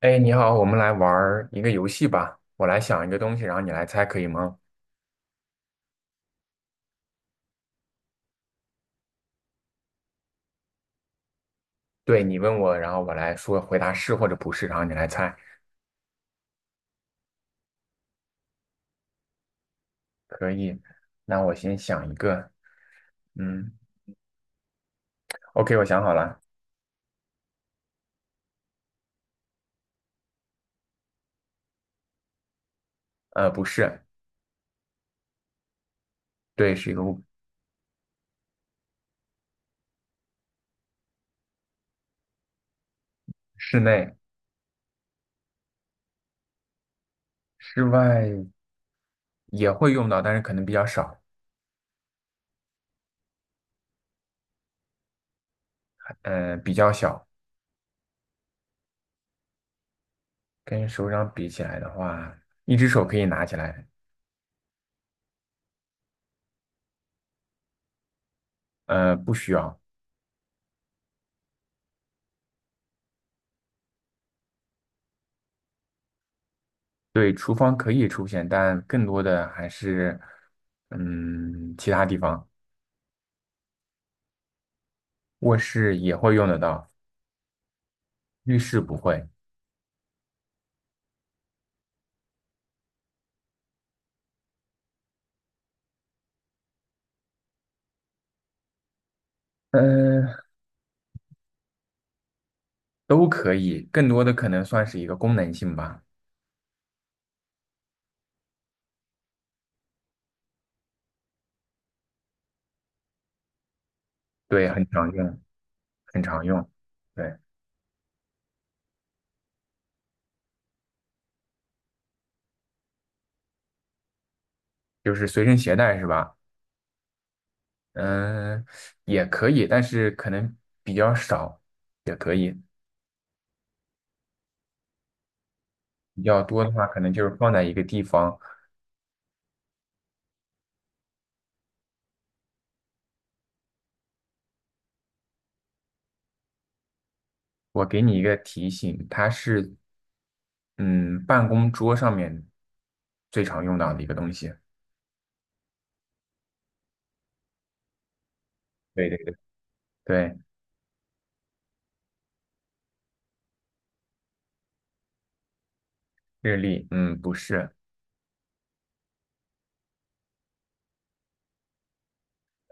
哎，你好，我们来玩儿一个游戏吧。我来想一个东西，然后你来猜，可以吗？对，你问我，然后我来说回答是或者不是，然后你来猜，可以。那我先想一个，嗯，OK，我想好了，不是，对，是一个物，室内、室外也会用到，但是可能比较少，比较小，跟手掌比起来的话，一只手可以拿起来，不需要。对，厨房可以出现，但更多的还是，嗯，其他地方。卧室也会用得到，浴室不会，嗯、呃都可以，更多的可能算是一个功能性吧。对，很常用，很常用。对，就是随身携带是吧？嗯、也可以，但是可能比较少，也可以。比较多的话，可能就是放在一个地方。我给你一个提醒，它是嗯办公桌上面最常用到的一个东西。对对对，对，日历，嗯，不是。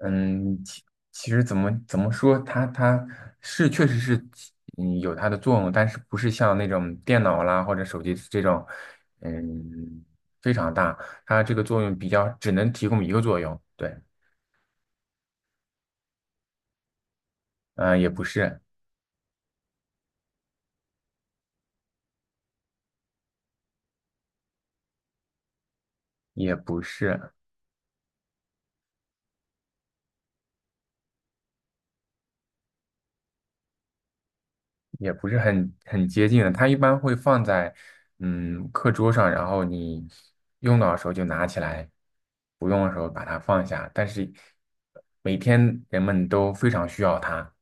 嗯，其实怎么说，它是确实是起有它的作用，但是不是像那种电脑啦或者手机这种，嗯，非常大，它这个作用比较只能提供一个作用，对，嗯、也不是，也不是，也不是很接近的，它一般会放在课桌上，然后你用到的时候就拿起来，不用的时候把它放下，但是每天人们都非常需要它，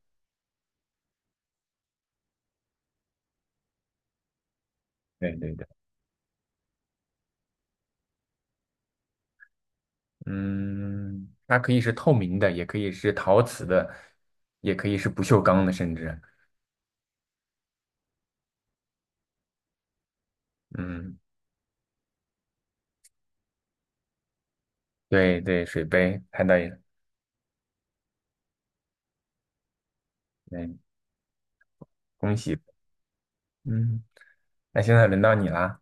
对对对。嗯，它可以是透明的，也可以是陶瓷的，也可以是不锈钢的，甚至，嗯，对对，水杯猜到了。嗯，恭喜，嗯，那现在轮到你啦，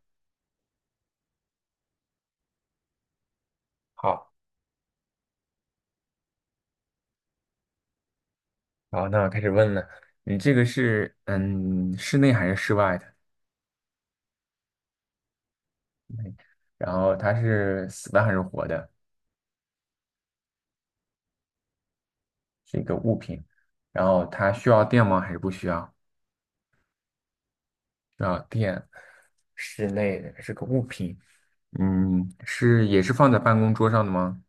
好，好，那我开始问了，你这个是室内还是室外的？然后它是死的还是活的？是一个物品，然后它需要电吗？还是不需要？需要电，室内的是个物品，嗯，是也是放在办公桌上的吗？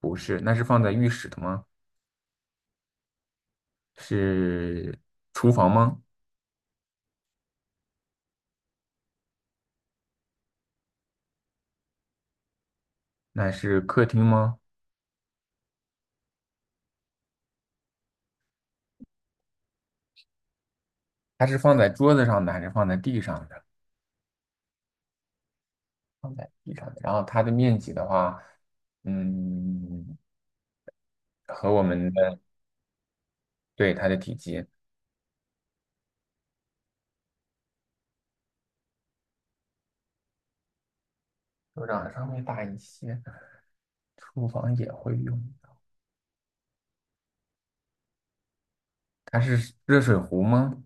不是，那是放在浴室的吗？是厨房吗？那是客厅吗？它是放在桌子上的还是放在地上的？放在地上的。然后它的面积的话，嗯，和我们的，对，它的体积，手掌稍微大一些。厨房也会用。它是热水壶吗？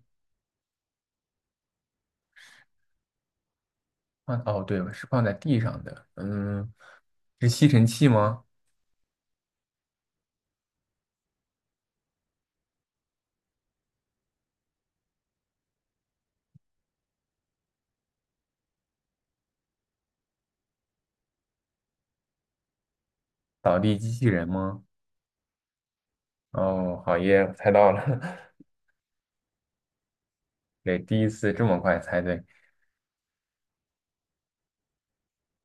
放，哦，对，是放在地上的。嗯，是吸尘器吗？扫地机器人吗？哦，好耶，我猜到了。对，第一次这么快猜对。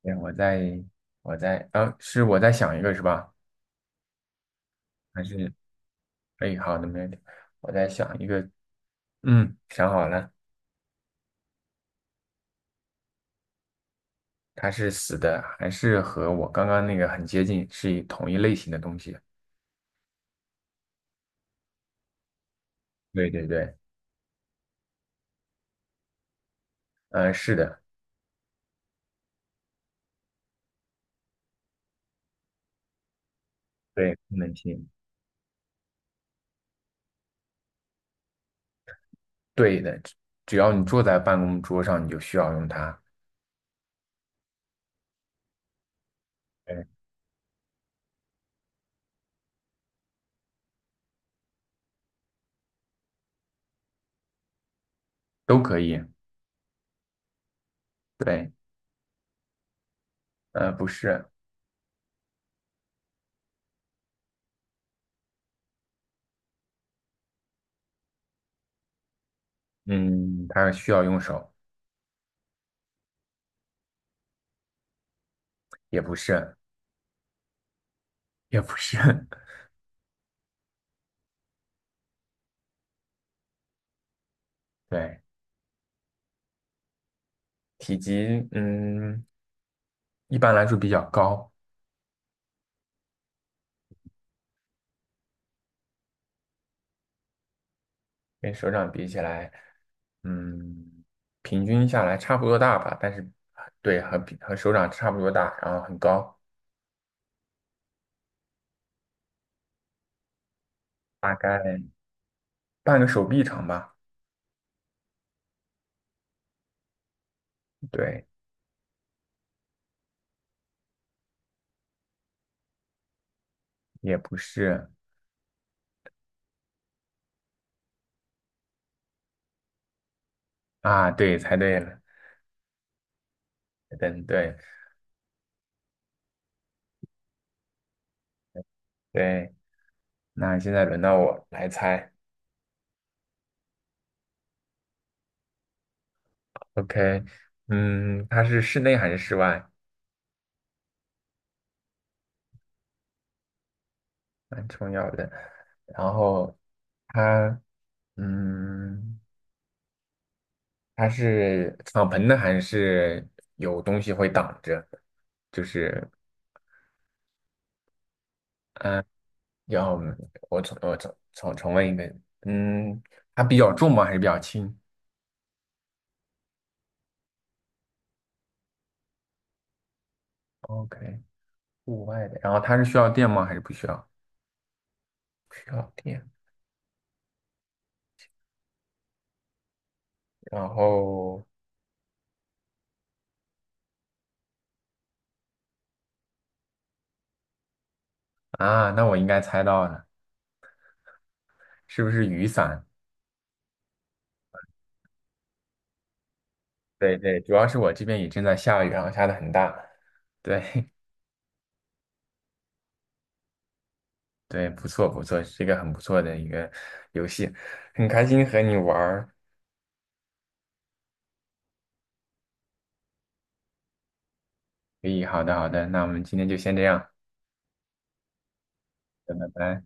对，我在，我在，是我在想一个是吧？还是，哎，好的，没问题。我在想一个，嗯，想好了，它是死的，还是和我刚刚那个很接近，是一同一类型的东西？对对对，是的，对，功能性，对的，只只要你坐在办公桌上，你就需要用它，对，都可以，对，不是，嗯，它需要用手，也不是，也不是，对。体积，嗯，一般来说比较高，跟手掌比起来，嗯，平均下来差不多大吧，但是对，和手掌差不多大，然后很高，大概半个手臂长吧。对，也不是啊，对，猜对了，等对对，那现在轮到我来猜，OK，嗯，它是室内还是室外？蛮重要的。然后它，嗯。它是敞篷的还是有东西会挡着？就是嗯，要我重问一遍，嗯，它比较重吗？还是比较轻？OK，户外的，然后它是需要电吗？还是不需要？不需要电。然后啊，那我应该猜到了，是不是雨伞？对对，主要是我这边也正在下雨，然后下的很大。对 对，不错不错，是一个很不错的一个游戏，很开心和你玩儿。可以，好的，好的，那我们今天就先这样，拜拜。